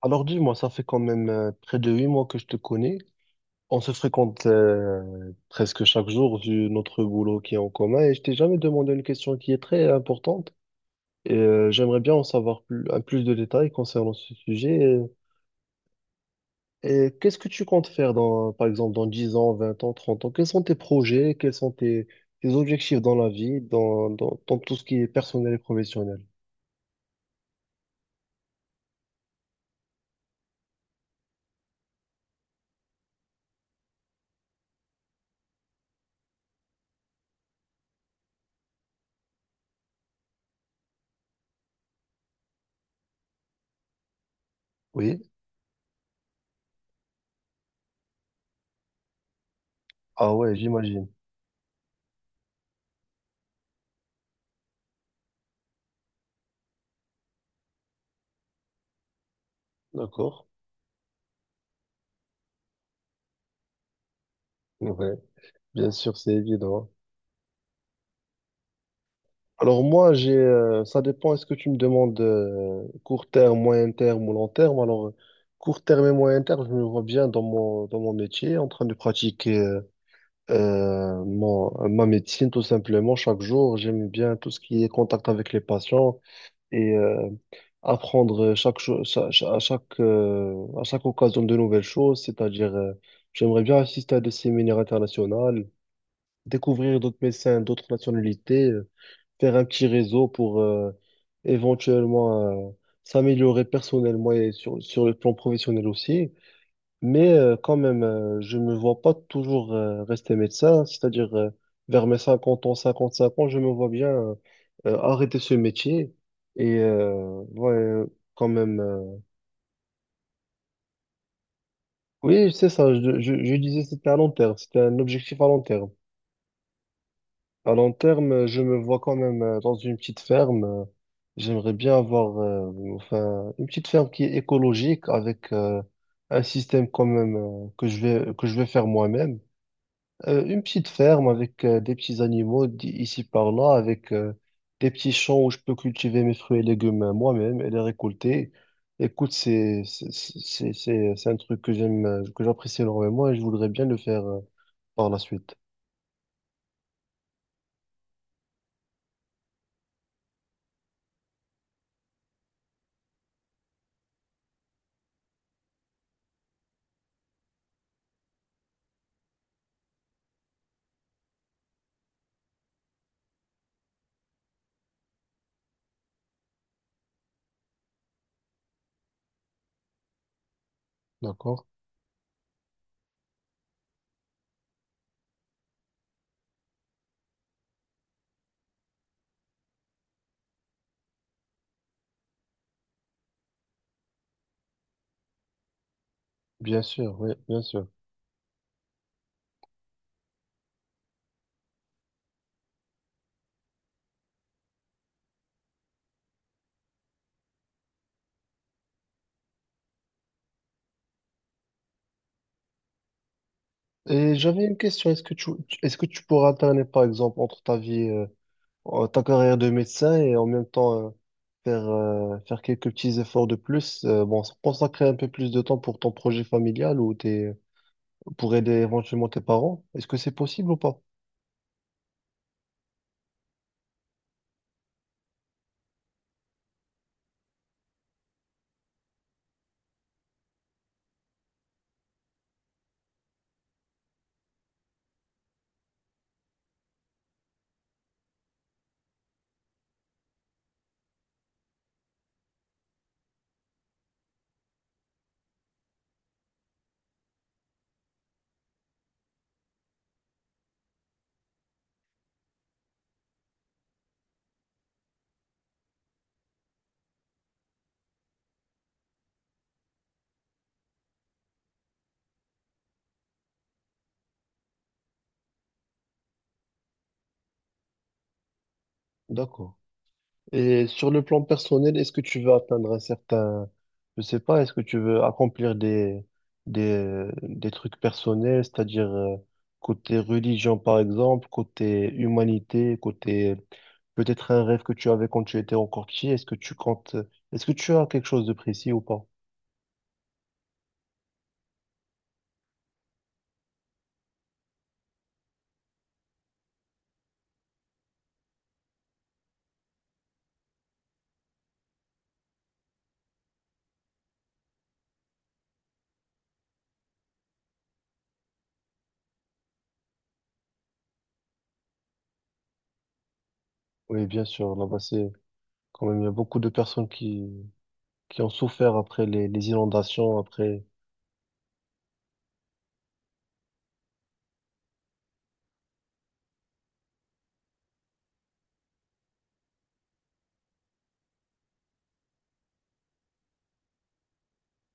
Alors dis-moi, ça fait quand même près de 8 mois que je te connais. On se fréquente presque chaque jour vu notre boulot qui est en commun et je t'ai jamais demandé une question qui est très importante. J'aimerais bien en savoir plus, un plus de détails concernant ce sujet. Et qu'est-ce que tu comptes faire dans, par exemple, dans 10 ans, 20 ans, 30 ans? Quels sont tes projets? Quels sont tes, tes objectifs dans la vie, dans tout ce qui est personnel et professionnel? Oui. Ah ouais, j'imagine. D'accord. Ouais, bien sûr, c'est évident. Alors moi, ça dépend, est-ce que tu me demandes court terme, moyen terme ou long terme? Court terme et moyen terme, je me vois bien dans mon métier, en train de pratiquer ma médecine tout simplement chaque jour. J'aime bien tout ce qui est contact avec les patients et apprendre chaque, cho- cha- cha- à chaque occasion de nouvelles choses, c'est-à-dire j'aimerais bien assister à des séminaires internationaux, découvrir d'autres médecins, d'autres nationalités. Faire un petit réseau pour éventuellement euh, s'améliorer personnellement et sur le plan professionnel aussi. Mais quand même, je me vois pas toujours rester médecin, c'est-à-dire vers mes 50 ans, 55 ans, je me vois bien arrêter ce métier. Et euh, ouais, euh, quand même, euh, oui, c'est ça, je disais c'était à long terme, c'était un objectif à long terme. À long terme, je me vois quand même dans une petite ferme. J'aimerais bien avoir enfin, une petite ferme qui est écologique avec un système quand même que je vais faire moi-même. Une petite ferme avec des petits animaux d- ici par là, avec des petits champs où je peux cultiver mes fruits et légumes moi-même et les récolter. Écoute, c'est un truc que j'aime, que j'apprécie énormément et je voudrais bien le faire par la suite. D'accord? Bien sûr, oui, bien sûr. Et j'avais une question, est-ce que tu pourras alterner, par exemple, entre ta vie, ta carrière de médecin et en même temps, faire quelques petits efforts de plus, bon, consacrer un peu plus de temps pour ton projet familial ou tes, pour aider éventuellement tes parents? Est-ce que c'est possible ou pas? D'accord. Et sur le plan personnel, est-ce que tu veux atteindre un certain, je sais pas, est-ce que tu veux accomplir des, des trucs personnels, c'est-à-dire côté religion par exemple, côté humanité, côté peut-être un rêve que tu avais quand tu étais encore petit, est-ce que tu comptes, est-ce que tu as quelque chose de précis ou pas? Oui, bien sûr, là-bas c'est quand même, il y a beaucoup de personnes qui ont souffert après les inondations, après,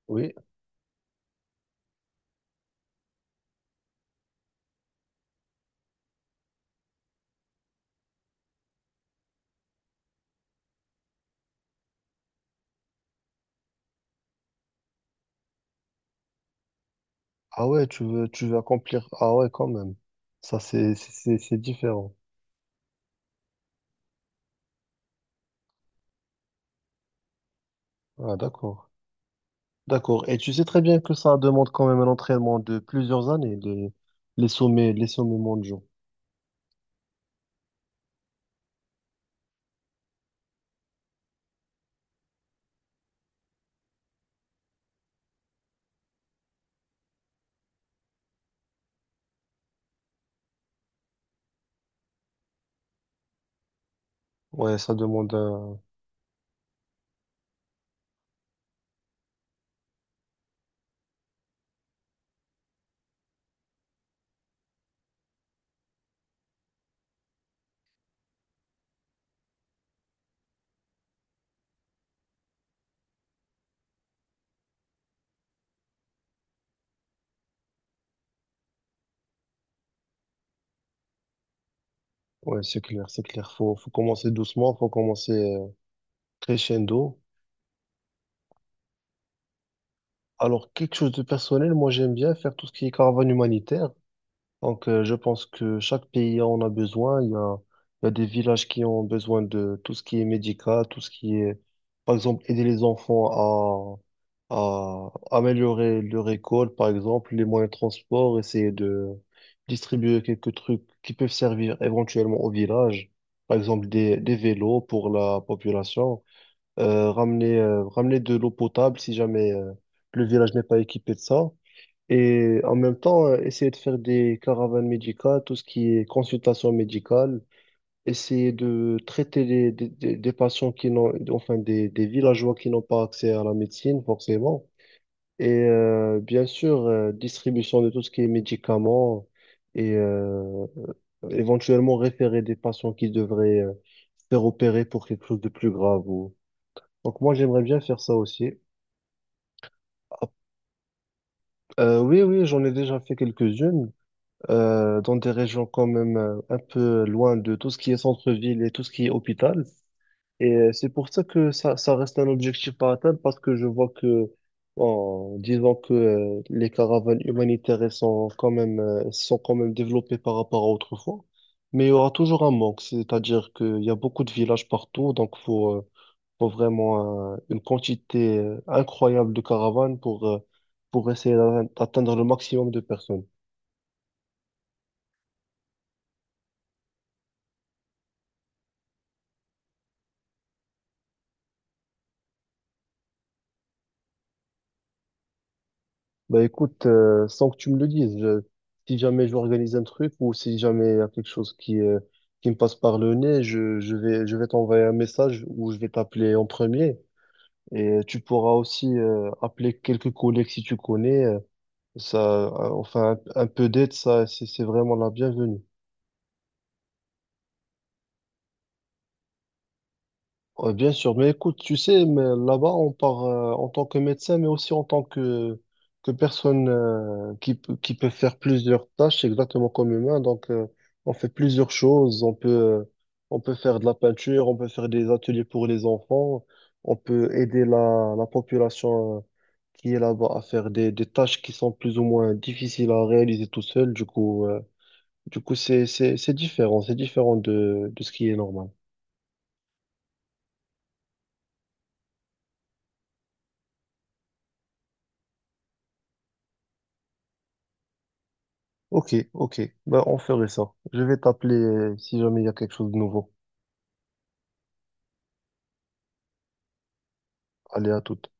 oui. Ah ouais, tu veux accomplir. Ah ouais, quand même. Ça, c'est différent. Ah, d'accord. D'accord. Et tu sais très bien que ça demande quand même un entraînement de plusieurs années, les sommets mondiaux. Ouais, ça demande un… Ouais, c'est clair, c'est clair. Faut, faut commencer doucement, faut commencer crescendo. Alors, quelque chose de personnel, moi, j'aime bien faire tout ce qui est caravane humanitaire. Donc, je pense que chaque pays en a besoin. Il y a des villages qui ont besoin de tout ce qui est médical, tout ce qui est, par exemple, aider les enfants à améliorer leur école, par exemple, les moyens de transport, essayer de distribuer quelques trucs qui peuvent servir éventuellement au village, par exemple des vélos pour la population ramener de l'eau potable si jamais le village n'est pas équipé de ça. Et en même temps, essayer de faire des caravanes médicales, tout ce qui est consultation médicale, essayer de traiter les- des patients qui n'ont, enfin des villageois qui n'ont pas accès à la médecine forcément. Et bien sûr, distribution de tout ce qui est médicaments et éventuellement référer des patients qui devraient se faire opérer pour quelque chose de plus grave donc moi j'aimerais bien faire ça aussi. Ah, oui, oui, j'en ai déjà fait quelques-unes dans des régions quand même un peu loin de tout ce qui est centre-ville et tout ce qui est hôpital. Et c'est pour ça que ça reste un objectif à atteindre parce que je vois que en disant que les caravanes humanitaires elles sont quand même développées par rapport à autrefois, mais il y aura toujours un manque, c'est-à-dire qu'il y a beaucoup de villages partout, donc faut faut vraiment une quantité incroyable de caravanes pour essayer d'atte- d'atteindre le maximum de personnes. Bah écoute, sans que tu me le dises, je- si jamais je organise un truc ou si jamais il y a quelque chose qui me passe par le nez, je, je vais t'envoyer un message ou je vais t'appeler en premier. Et tu pourras aussi appeler quelques collègues si tu connais. Ça, enfin, un peu d'aide, ça, c'est vraiment la bienvenue. Ouais, bien sûr, mais écoute, tu sais, mais là-bas, on part en tant que médecin, mais aussi en tant que personne qui peut faire plusieurs tâches exactement comme humain. Donc, on fait plusieurs choses. On peut faire de la peinture, on peut faire des ateliers pour les enfants, on peut aider la, la population qui est là-bas à faire des tâches qui sont plus ou moins difficiles à réaliser tout seul. Du coup, c'est différent de ce qui est normal. Ok, ok. Bah, on ferait ça. Je vais t'appeler si jamais il y a quelque chose de nouveau. Allez, à toute.